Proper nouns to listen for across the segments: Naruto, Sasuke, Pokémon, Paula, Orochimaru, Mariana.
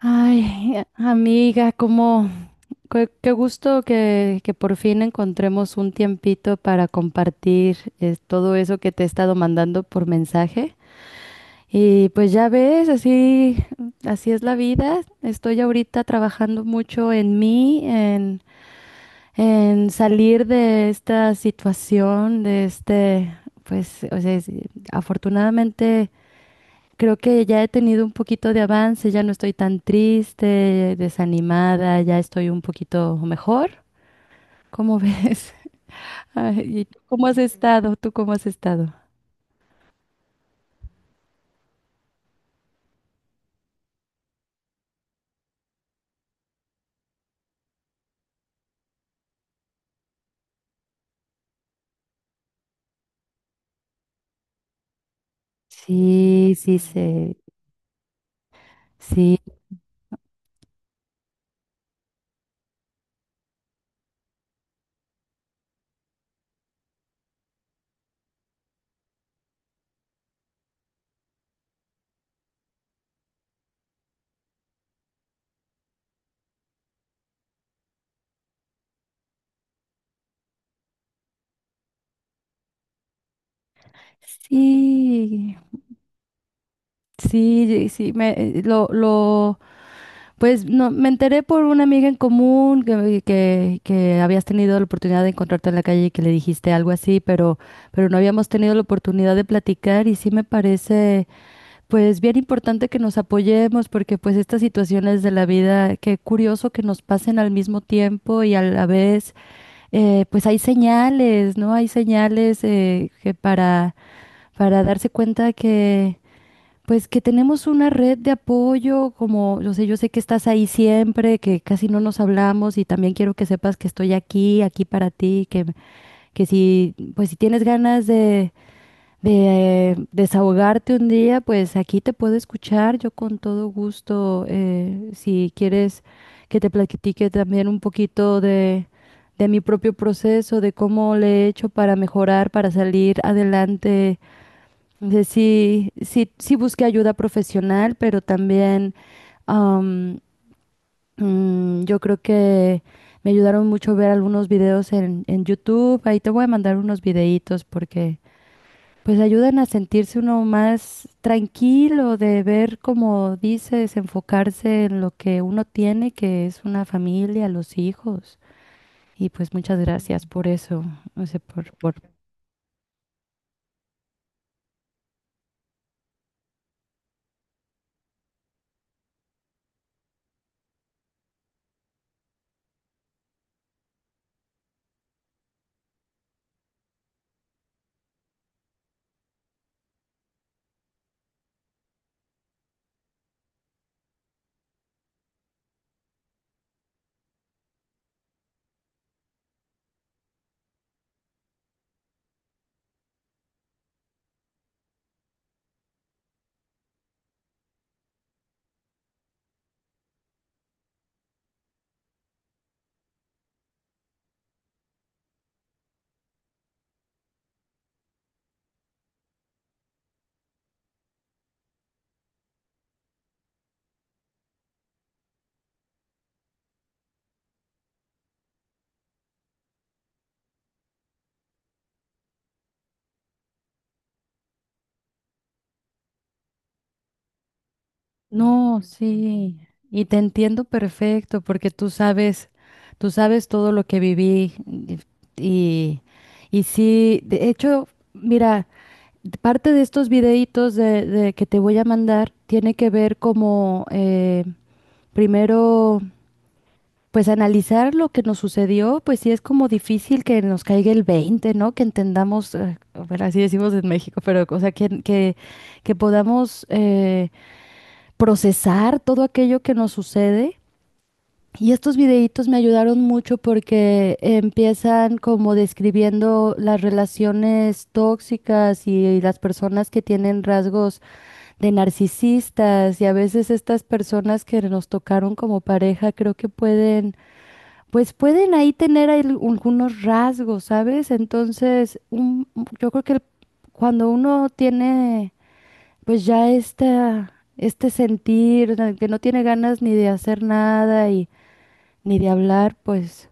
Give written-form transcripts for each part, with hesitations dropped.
Ay, amiga, qué gusto que por fin encontremos un tiempito para compartir todo eso que te he estado mandando por mensaje. Y pues ya ves, así es la vida. Estoy ahorita trabajando mucho en mí, en salir de esta situación, de este, pues, o sea, afortunadamente. Creo que ya he tenido un poquito de avance, ya no estoy tan triste, desanimada, ya estoy un poquito mejor. ¿Cómo ves? Ay, ¿y tú cómo has estado? ¿Tú cómo has estado? Sí, sí, sí, sí, sí. Sí, sí, pues no, me enteré por una amiga en común que habías tenido la oportunidad de encontrarte en la calle y que le dijiste algo así, pero no habíamos tenido la oportunidad de platicar, y sí me parece, pues bien importante que nos apoyemos porque pues estas situaciones de la vida, qué curioso que nos pasen al mismo tiempo y a la vez. Pues hay señales, ¿no? Hay señales, que para darse cuenta que pues que tenemos una red de apoyo. Como yo sé que estás ahí siempre, que casi no nos hablamos, y también quiero que sepas que estoy aquí, aquí para ti, que si, pues si tienes ganas de desahogarte un día, pues aquí te puedo escuchar, yo con todo gusto, si quieres que te platique también un poquito de mi propio proceso, de cómo le he hecho para mejorar, para salir adelante. Entonces, sí, sí, sí busqué ayuda profesional, pero también, am, yo creo que me ayudaron mucho ver algunos videos en YouTube. Ahí te voy a mandar unos videitos porque pues ayudan a sentirse uno más tranquilo, de ver, como dices, enfocarse en lo que uno tiene, que es una familia, los hijos. Y pues muchas gracias por eso, no sé, por. No, sí, y te entiendo perfecto porque tú sabes todo lo que viví, y y sí, de hecho, mira, parte de estos videitos de que te voy a mandar tiene que ver como, primero, pues analizar lo que nos sucedió. Pues sí es como difícil que nos caiga el 20, ¿no? Que entendamos, bueno, así decimos en México, pero o sea, que podamos procesar todo aquello que nos sucede. Y estos videitos me ayudaron mucho porque empiezan como describiendo las relaciones tóxicas y las personas que tienen rasgos de narcisistas, y a veces estas personas que nos tocaron como pareja creo que pueden, pues pueden ahí tener algunos rasgos, ¿sabes? Entonces, yo creo que cuando uno tiene pues ya este sentir, que no tiene ganas ni de hacer nada y ni de hablar, pues,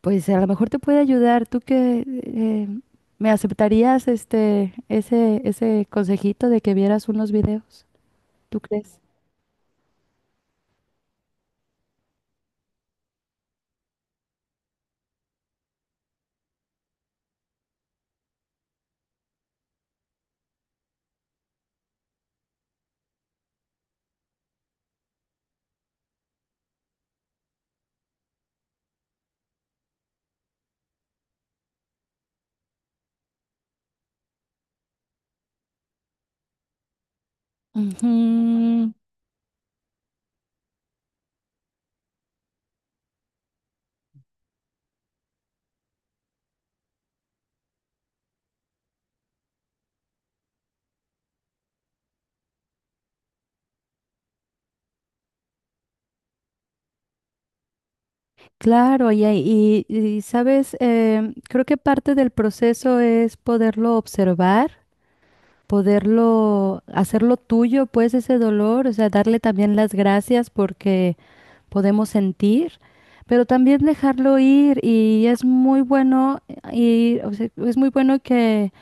pues a lo mejor te puede ayudar. ¿Tú que me aceptarías ese consejito de que vieras unos videos? ¿Tú crees? Ujú. Claro, sabes, creo que parte del proceso es poderlo observar, poderlo hacerlo tuyo, pues ese dolor, o sea, darle también las gracias porque podemos sentir, pero también dejarlo ir. Y es muy bueno, y o sea, es muy bueno que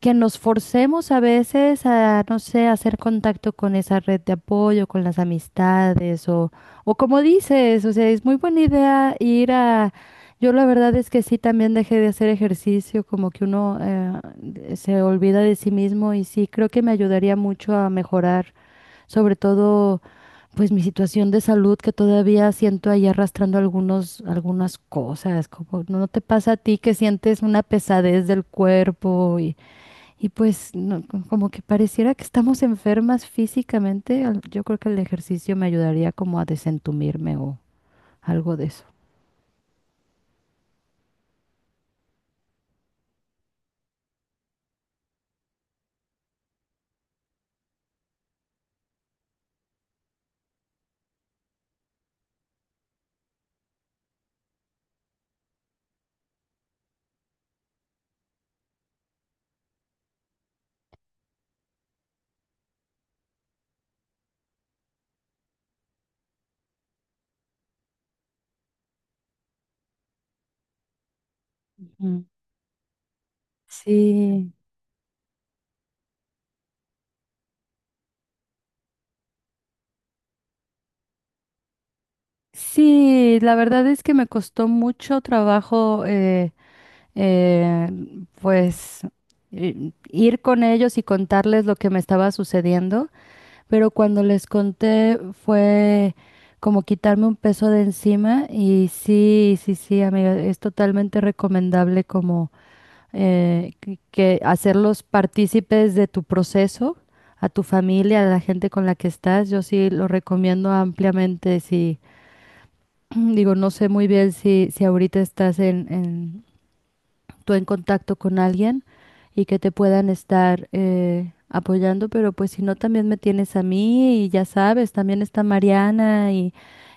que nos forcemos a veces a, no sé, a hacer contacto con esa red de apoyo, con las amistades, o como dices, o sea, es muy buena idea ir a. Yo la verdad es que sí, también dejé de hacer ejercicio, como que uno se olvida de sí mismo, y sí, creo que me ayudaría mucho a mejorar, sobre todo pues mi situación de salud, que todavía siento ahí arrastrando algunos, algunas cosas. Como no no te pasa a ti que sientes una pesadez del cuerpo? Y y pues no, como que pareciera que estamos enfermas físicamente. Yo creo que el ejercicio me ayudaría como a desentumirme, o algo de eso. Ujú. Sí, sí, la verdad es que me costó mucho trabajo, eh, pues ir con ellos y contarles lo que me estaba sucediendo. Pero cuando les conté fue como quitarme un peso de encima. Y sí, sí, sí, amiga, es totalmente recomendable como, que hacerlos partícipes de tu proceso, a tu familia, a la gente con la que estás. Yo sí lo recomiendo ampliamente, sí. Digo, no sé muy bien si ahorita estás en tú en contacto con alguien y que te puedan estar apoyando, pero pues si no, también me tienes a mí, y ya sabes, también está Mariana y,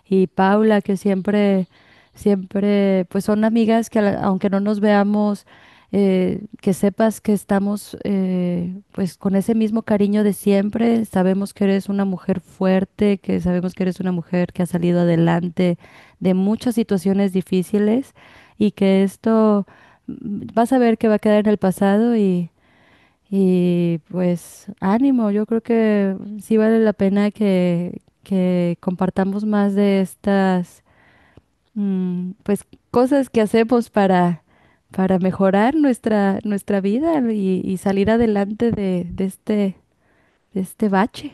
y Paula, que siempre, siempre, pues son amigas que, aunque no nos veamos, que sepas que estamos, pues con ese mismo cariño de siempre. Sabemos que eres una mujer fuerte, que sabemos que eres una mujer que ha salido adelante de muchas situaciones difíciles, y que esto vas a ver que va a quedar en el pasado. Y pues ánimo, yo creo que sí vale la pena que compartamos más de estas pues cosas que hacemos para mejorar nuestra, nuestra vida, y salir adelante de este bache.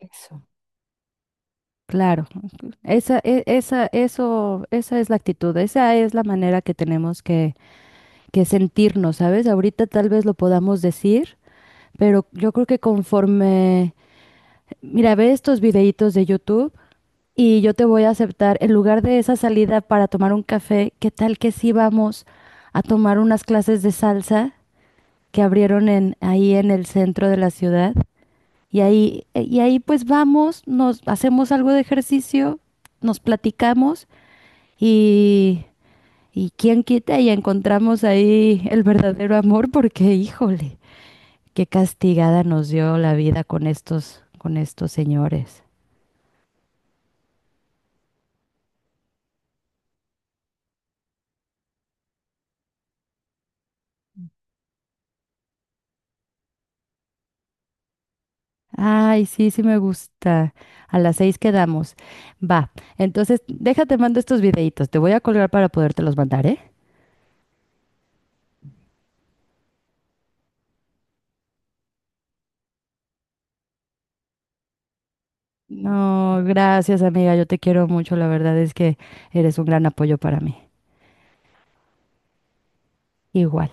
Eso. Claro, esa es la actitud, esa es la manera que tenemos que sentirnos, ¿sabes? Ahorita tal vez lo podamos decir, pero yo creo que conforme, mira, ve estos videitos de YouTube, y yo te voy a aceptar, en lugar de esa salida para tomar un café, ¿qué tal que sí vamos a tomar unas clases de salsa que abrieron ahí en el centro de la ciudad? Y ahí pues vamos, nos hacemos algo de ejercicio, nos platicamos, y, y quién quita y encontramos ahí el verdadero amor, porque híjole. Qué castigada nos dio la vida con estos señores. Ay, sí, sí, me gusta. A las 6 quedamos. Va, entonces déjate mando estos videitos. Te voy a colgar para podértelos mandar, ¿eh? No, gracias amiga, yo te quiero mucho. La verdad es que eres un gran apoyo para mí. Igual.